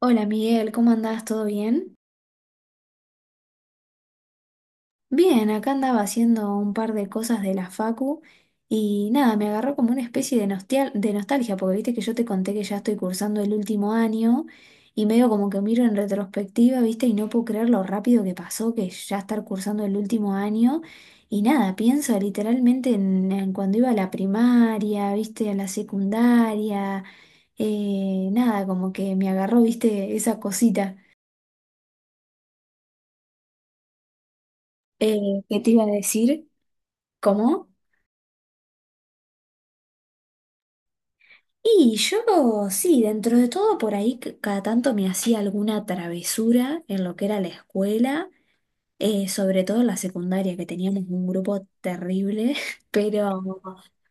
Hola Miguel, ¿cómo andás? ¿Todo bien? Bien, acá andaba haciendo un par de cosas de la facu y nada, me agarró como una especie de, de nostalgia, porque viste que yo te conté que ya estoy cursando el último año y medio como que miro en retrospectiva, viste, y no puedo creer lo rápido que pasó, que es ya estar cursando el último año. Y nada, pienso literalmente en cuando iba a la primaria, viste, a la secundaria, nada, como que me agarró, viste, esa cosita. Eh, ¿Qué te iba a decir? ¿Cómo? Y yo, sí, dentro de todo, por ahí cada tanto me hacía alguna travesura en lo que era la escuela, sobre todo en la secundaria, que teníamos un grupo terrible, pero,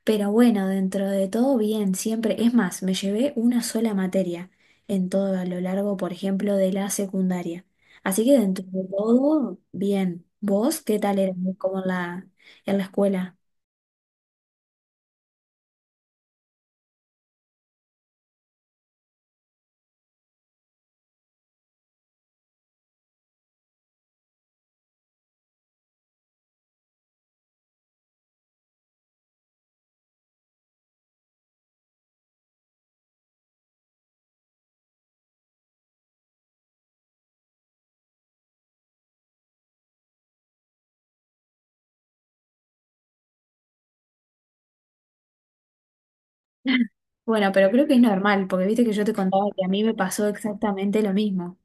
pero bueno, dentro de todo, bien, siempre. Es más, me llevé una sola materia en todo a lo largo, por ejemplo, de la secundaria. Así que dentro de todo, bien. ¿Vos qué tal eras como en la escuela? Bueno, pero creo que es normal, porque viste que yo te contaba que a mí me pasó exactamente lo mismo.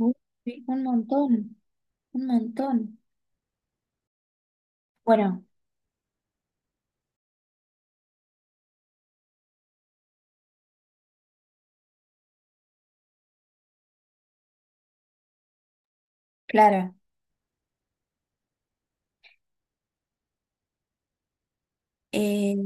Uh, sí, un montón, un montón. Bueno, claro, eh,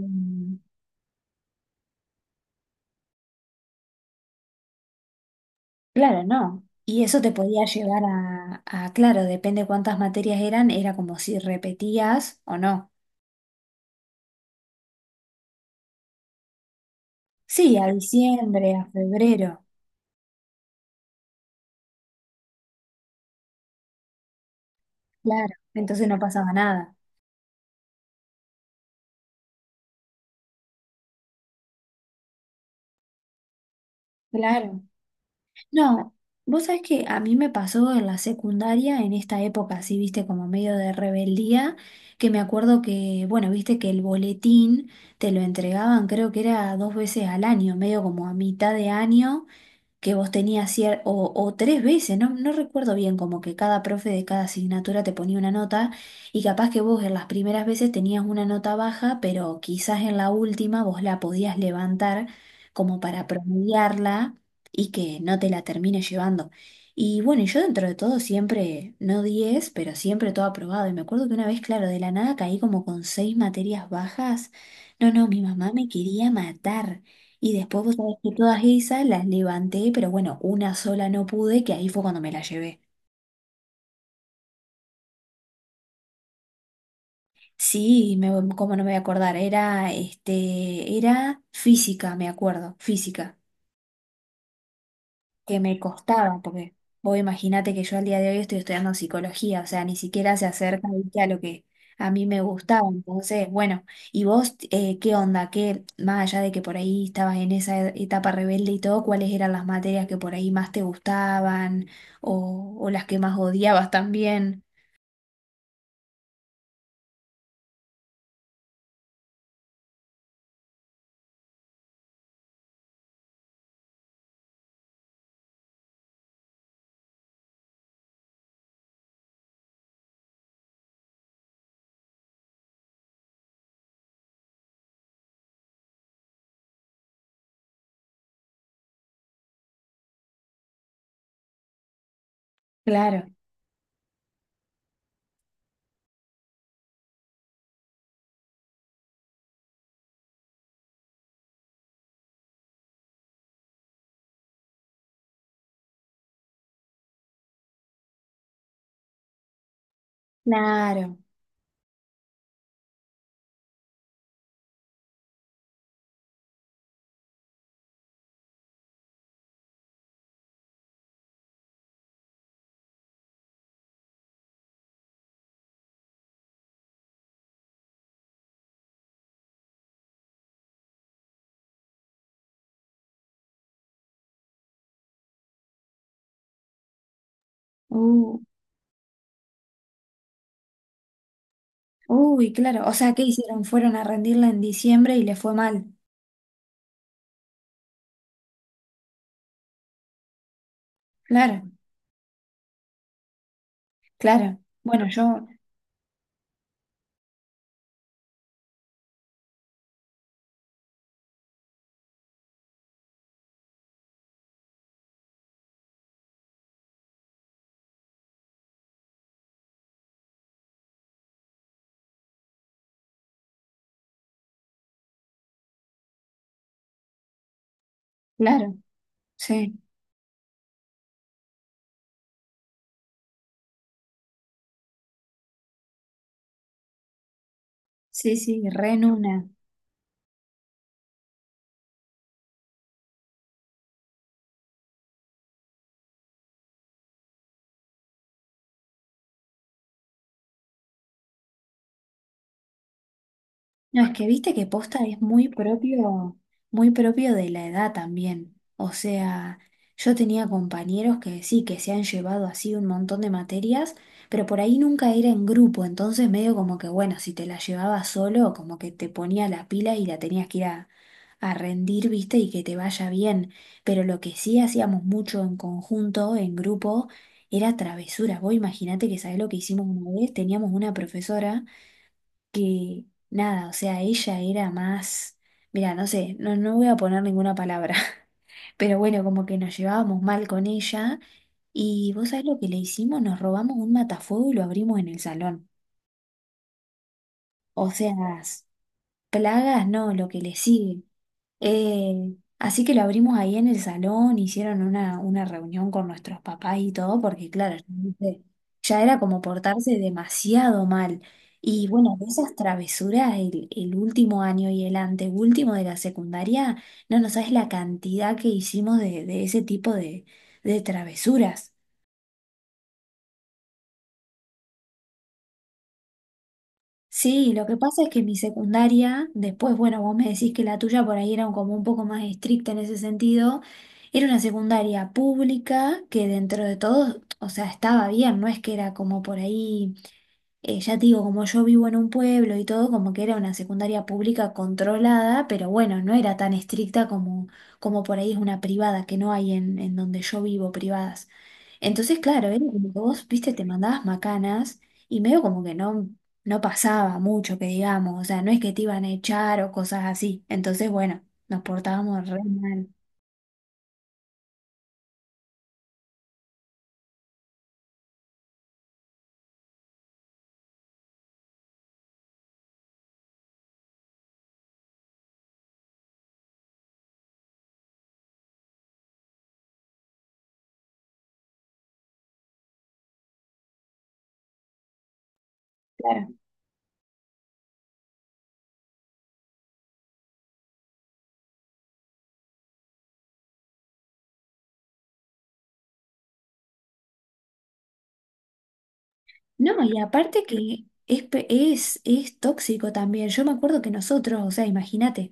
claro, no. Y eso te podía llevar a, claro, depende cuántas materias eran, era como si repetías o no. Sí, a diciembre, a febrero, claro, entonces no pasaba nada. Claro. No, vos sabés que a mí me pasó en la secundaria, en esta época así, viste, como medio de rebeldía, que me acuerdo que, bueno, viste que el boletín te lo entregaban, creo que era dos veces al año, medio como a mitad de año, que vos tenías o tres veces, no, no recuerdo bien, como que cada profe de cada asignatura te ponía una nota y capaz que vos en las primeras veces tenías una nota baja, pero quizás en la última vos la podías levantar como para promediarla y que no te la termines llevando. Y bueno, y yo dentro de todo siempre, no 10 pero siempre todo aprobado. Y me acuerdo que una vez, claro, de la nada caí como con seis materias bajas. No, no, mi mamá me quería matar. Y después vos sabés que todas esas las levanté, pero bueno, una sola no pude, que ahí fue cuando me la llevé. Sí, me, cómo no me voy a acordar, era, este, era física, me acuerdo, física. Que me costaba, porque vos imagínate que yo al día de hoy estoy estudiando psicología, o sea, ni siquiera se acerca, ¿viste?, a lo que a mí me gustaba. Entonces, bueno, ¿y vos qué onda? ¿Qué, más allá de que por ahí estabas en esa etapa rebelde y todo, cuáles eran las materias que por ahí más te gustaban o las que más odiabas también? Claro, claro. Uh, uy, claro. O sea, ¿qué hicieron? Fueron a rendirla en diciembre y le fue mal. Claro, claro. Bueno, yo, claro, sí. Sí, sí, re en una. No, es que viste que posta es muy propio de la edad también. O sea, yo tenía compañeros que sí, que se han llevado así un montón de materias, pero por ahí nunca era en grupo, entonces medio como que, bueno, si te la llevabas solo, como que te ponía la pila y la tenías que ir a rendir, viste, y que te vaya bien. Pero lo que sí hacíamos mucho en conjunto, en grupo, era travesura. Vos imaginate, que sabés lo que hicimos una vez. Teníamos una profesora que nada, o sea, ella era más, mira, no sé, no, no voy a poner ninguna palabra, pero bueno, como que nos llevábamos mal con ella, y vos sabés lo que le hicimos, nos robamos un matafuego y lo abrimos en el salón. O sea, plagas, no, lo que le sigue. Así que lo abrimos ahí en el salón, hicieron una reunión con nuestros papás y todo, porque claro, ya viste, ya era como portarse demasiado mal. Y bueno, de esas travesuras, el último año y el anteúltimo de la secundaria, no, no sabes la cantidad que hicimos de ese tipo de travesuras. Sí, lo que pasa es que mi secundaria, después, bueno, vos me decís que la tuya por ahí era como un poco más estricta en ese sentido, era una secundaria pública que dentro de todo, o sea, estaba bien, no es que era como por ahí... Ya te digo, como yo vivo en un pueblo y todo, como que era una secundaria pública controlada, pero bueno, no era tan estricta como, como por ahí es una privada, que no hay en donde yo vivo privadas. Entonces, claro, era como que vos, viste, te mandabas macanas y medio como que no, no pasaba mucho, que digamos, o sea, no es que te iban a echar o cosas así. Entonces, bueno, nos portábamos re mal. Claro. No, y aparte que es tóxico también. Yo me acuerdo que nosotros, o sea, imagínate.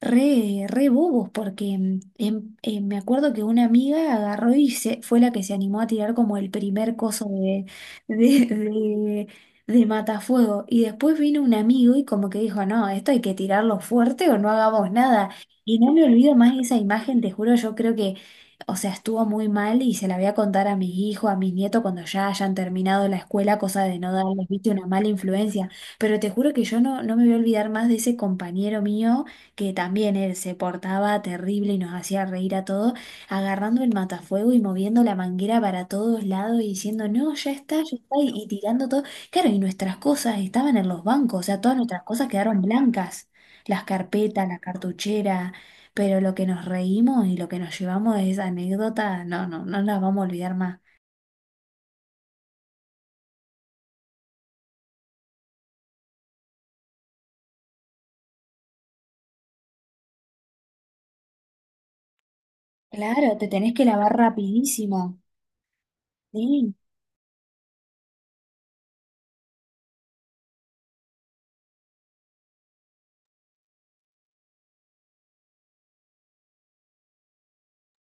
Re, re bobos, porque me acuerdo que una amiga agarró y se, fue la que se animó a tirar como el primer coso de, de, de, de matafuego. Y después vino un amigo y como que dijo, no, esto hay que tirarlo fuerte o no hagamos nada. Y no me olvido más esa imagen, te juro, yo creo que, o sea, estuvo muy mal y se la voy a contar a mis hijos, a mis nietos cuando ya hayan terminado la escuela, cosa de no darles, viste, una mala influencia. Pero te juro que yo no, no me voy a olvidar más de ese compañero mío, que también él se portaba terrible y nos hacía reír a todos, agarrando el matafuego y moviendo la manguera para todos lados y diciendo, no, ya está, y tirando todo. Claro, y nuestras cosas estaban en los bancos, o sea, todas nuestras cosas quedaron blancas, las carpetas, la cartuchera, pero lo que nos reímos y lo que nos llevamos de esa anécdota, no, no, no las vamos a olvidar más. Claro, te tenés que lavar rapidísimo, sí,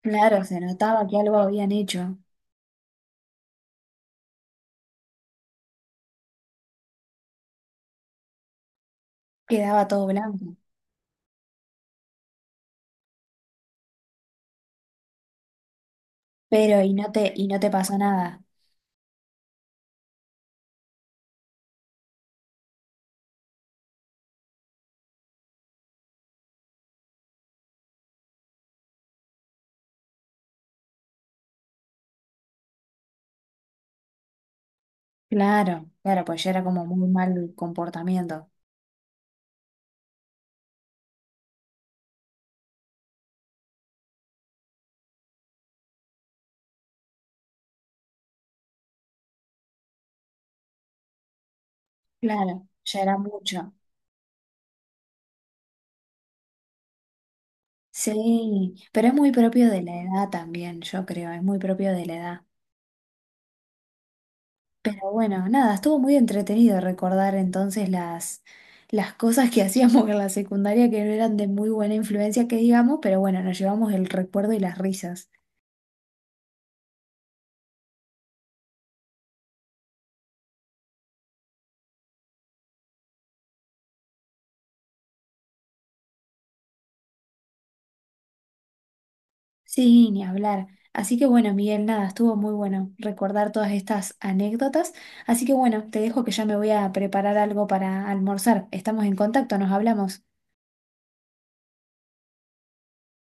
claro, se notaba que algo habían hecho, quedaba todo blanco. Pero, ¿y no te, y no te pasó nada? Claro, claro, pues ya era como muy mal comportamiento. Claro, ya era mucho. Sí, pero es muy propio de la edad también, yo creo, es muy propio de la edad. Pero bueno, nada, estuvo muy entretenido recordar entonces las cosas que hacíamos en la secundaria, que no eran de muy buena influencia, que digamos, pero bueno, nos llevamos el recuerdo y las risas. Sí, ni hablar. Así que bueno, Miguel, nada, estuvo muy bueno recordar todas estas anécdotas. Así que bueno, te dejo que ya me voy a preparar algo para almorzar. Estamos en contacto, nos hablamos.